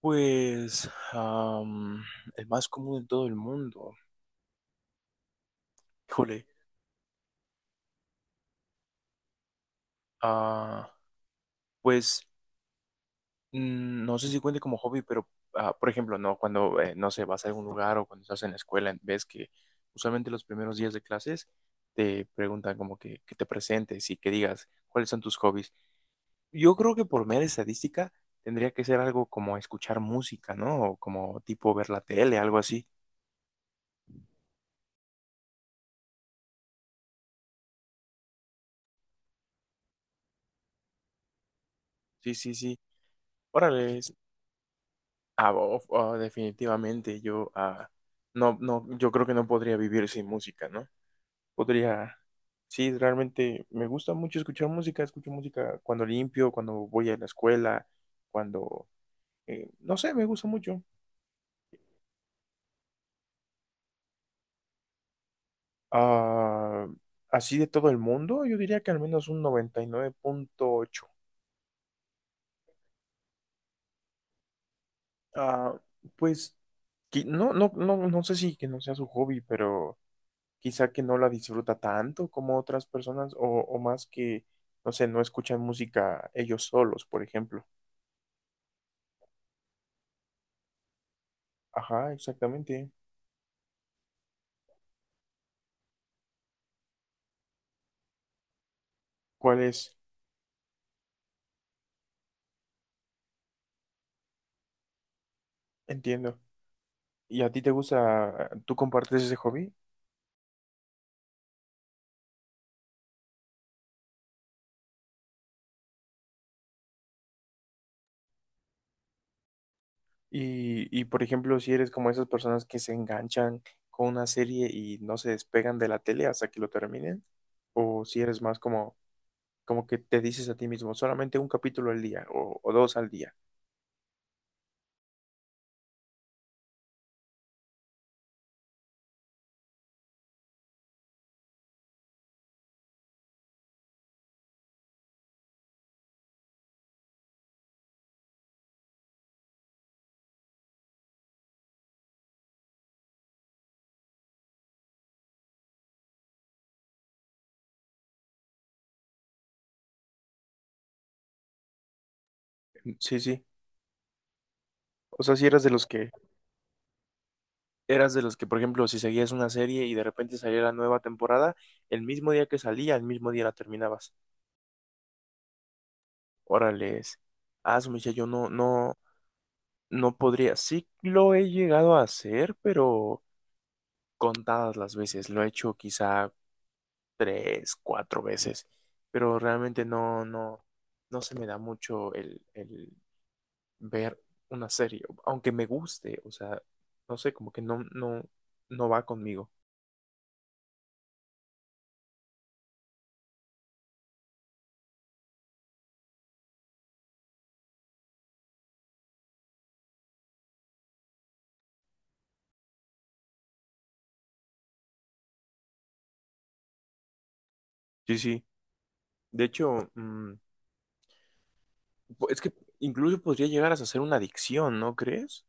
Pues, el más común en todo el mundo. Híjole. ah, pues no sé si cuente como hobby, pero por ejemplo, no, cuando no sé, vas a algún lugar o cuando estás en la escuela, ves que usualmente los primeros días de clases te preguntan como que te presentes y que digas cuáles son tus hobbies. Yo creo que por mera estadística tendría que ser algo como escuchar música, ¿no? O como tipo ver la tele, algo así. Sí, sí, sí. Órale. Definitivamente yo, no, no, yo creo que no podría vivir sin música, ¿no? Podría, sí, realmente me gusta mucho escuchar música, escucho música cuando limpio, cuando voy a la escuela, cuando, no sé, me gusta mucho. Ah, Así de todo el mundo, yo diría que al menos un 99.8. Ah, pues, no, no, no, no sé si que no sea su hobby, pero... quizá que no la disfruta tanto como otras personas o más que, no sé, no escuchan música ellos solos, por ejemplo. Ajá, exactamente. ¿Cuál es? Entiendo. ¿Y a ti te gusta, tú compartes ese hobby? Y por ejemplo, si eres como esas personas que se enganchan con una serie y no se despegan de la tele hasta que lo terminen, o si eres más como, como que te dices a ti mismo, solamente un capítulo al día o dos al día. Mm, sí, sí. O sea, si eras de los que, por ejemplo, si seguías una serie y de repente salía la nueva temporada, el mismo día que salía, el mismo día la terminabas. Órales. Su mecha, yo no, no, no podría. Sí lo he llegado a hacer, pero contadas las veces. Lo he hecho quizá tres, cuatro veces. Pero realmente no, no, no se me da mucho el ver una serie, aunque me guste, o sea, no sé, como que no, no, no va conmigo. Sí, sí. De hecho, es que incluso podría llegar a ser una adicción, ¿no crees?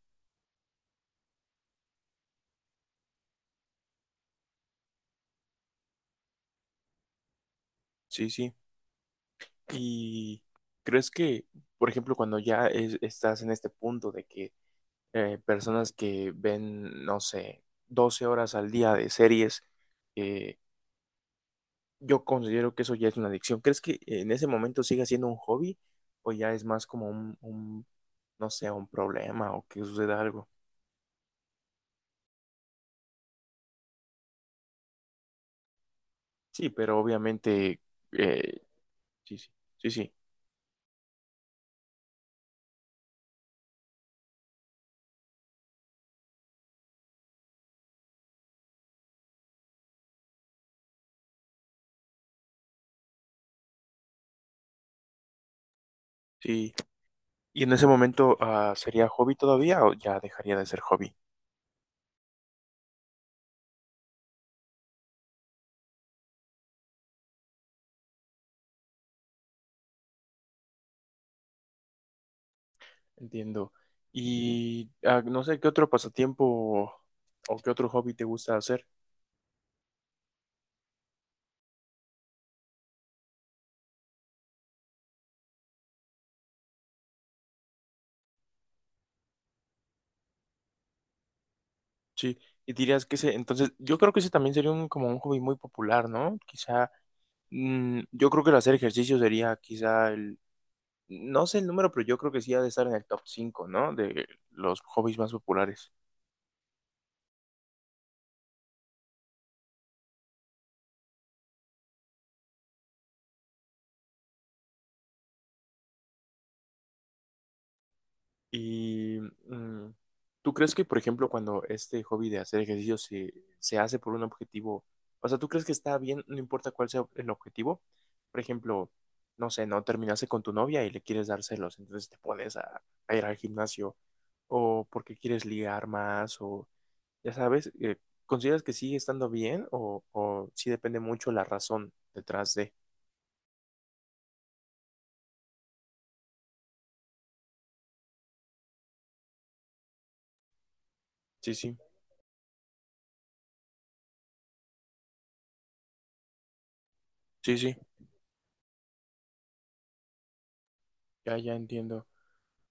Sí, sí. ¿Y crees que, por ejemplo, cuando ya estás en este punto de que personas que ven, no sé, 12 horas al día de series, eh, yo considero que eso ya es una adicción? ¿Crees que en ese momento siga siendo un hobby o ya es más como un, no sé, un problema o que suceda algo? Sí, pero obviamente, eh, sí, sí, sí, sí, sí. Y en ese momento, ¿sería hobby todavía o ya dejaría de ser hobby? Entiendo. Y no sé qué otro pasatiempo o qué otro hobby te gusta hacer. Sí, y dirías que ese, entonces, yo creo que ese también sería un, como un hobby muy popular, ¿no? Quizá, yo creo que el hacer ejercicio sería quizá el, no sé el número, pero yo creo que sí ha de estar en el top cinco, ¿no? De los hobbies más populares. Y mm, ¿tú crees que, por ejemplo, cuando este hobby de hacer ejercicio se hace por un objetivo, o sea, tú crees que está bien, no importa cuál sea el objetivo? Por ejemplo, no sé, no terminaste con tu novia y le quieres dar celos, entonces te pones a, ir al gimnasio, o porque quieres ligar más, o ya sabes, ¿consideras que sigue estando bien o sí depende mucho la razón detrás de? Sí, sí, sí, sí, ya, ya entiendo.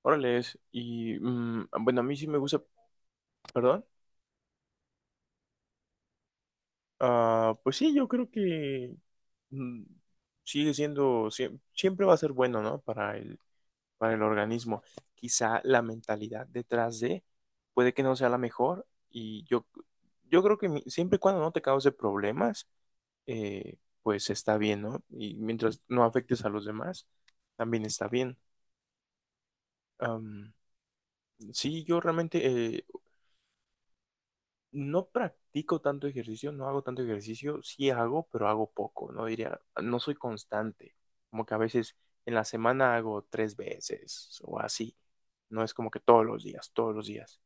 Órale, y bueno, a mí sí me gusta, perdón. Pues sí, yo creo que mm, sigue siendo, siempre va a ser bueno, ¿no? Para el organismo. Quizá la mentalidad detrás de puede que no sea la mejor y yo creo que siempre y cuando no te cause problemas, pues está bien, ¿no? Y mientras no afectes a los demás, también está bien. Am, sí, yo realmente no practico tanto ejercicio, no hago tanto ejercicio, sí hago, pero hago poco, no diría, no soy constante, como que a veces en la semana hago tres veces o así, no es como que todos los días, todos los días.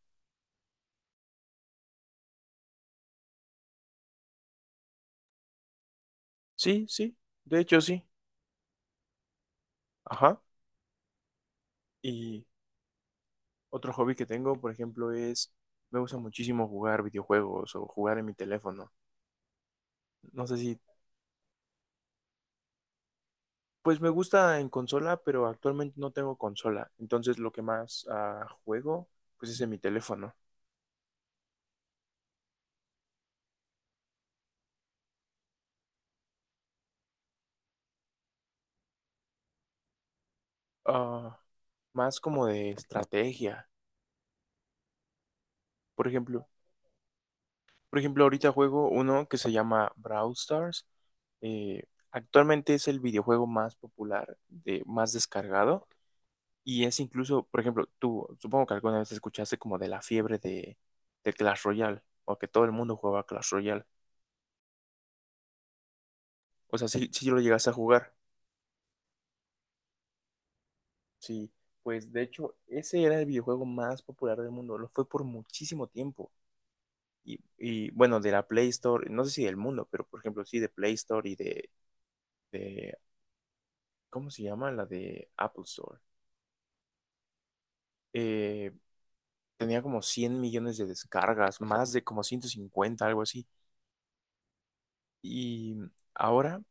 Sí, sí, de hecho sí, ajá. Y otro hobby que tengo, por ejemplo, es, me gusta muchísimo jugar videojuegos o jugar en mi teléfono. No sé si, pues me gusta en consola, pero actualmente no tengo consola, entonces lo que más juego, pues es en mi teléfono. Ah, Más como de estrategia. Por ejemplo, por ejemplo, ahorita juego uno que se llama Brawl Stars. Eh, Actualmente es el videojuego más popular, de, más descargado. Y es incluso, por ejemplo, tú, supongo que alguna vez escuchaste como de la fiebre de, Clash Royale, o que todo el mundo jugaba Clash Royale. O sea, si lo llegas a jugar, sí. Pues de hecho, ese era el videojuego más popular del mundo, lo fue por muchísimo tiempo. y, bueno, de la Play Store, no sé si del mundo, pero por ejemplo, sí, de Play Store y de ¿cómo se llama? La de Apple Store. Eh, Tenía como 100 millones de descargas, más de como 150, algo así. Y ahora,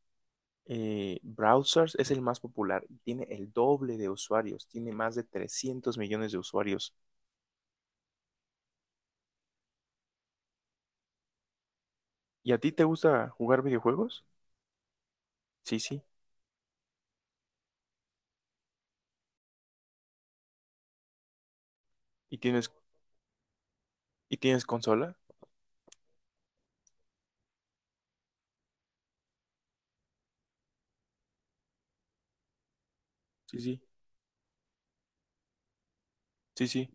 Browsers es el más popular, tiene el doble de usuarios, tiene más de 300 millones de usuarios. ¿Y a ti te gusta jugar videojuegos? Sí, sí. ¿Y tienes, y tienes consola? Sí, sí, sí, sí.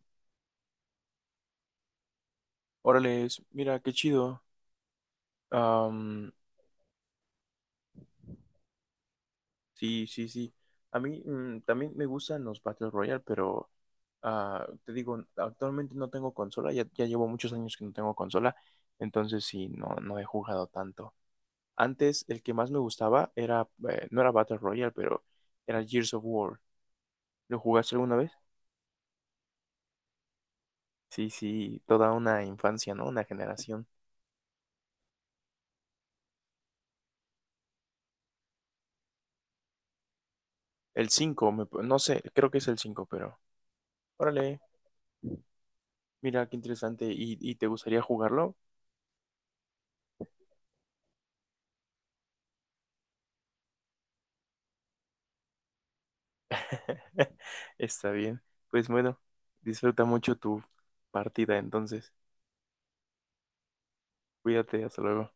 Órale, mira, qué chido. Am, Sí, sí, sí. A mí también me gustan los Battle Royale, pero te digo, actualmente no tengo consola, ya, ya llevo muchos años que no tengo consola, entonces sí, no, no he jugado tanto. Antes el que más me gustaba era, no era Battle Royale, pero era Gears of War. ¿Lo jugaste alguna vez? Sí, sí, toda una infancia, ¿no? Una generación. El cinco, no sé, creo que es el cinco, pero órale, mira qué interesante. ¿Y te gustaría jugarlo? Está bien. Pues bueno, disfruta mucho tu partida entonces. Cuídate, hasta luego.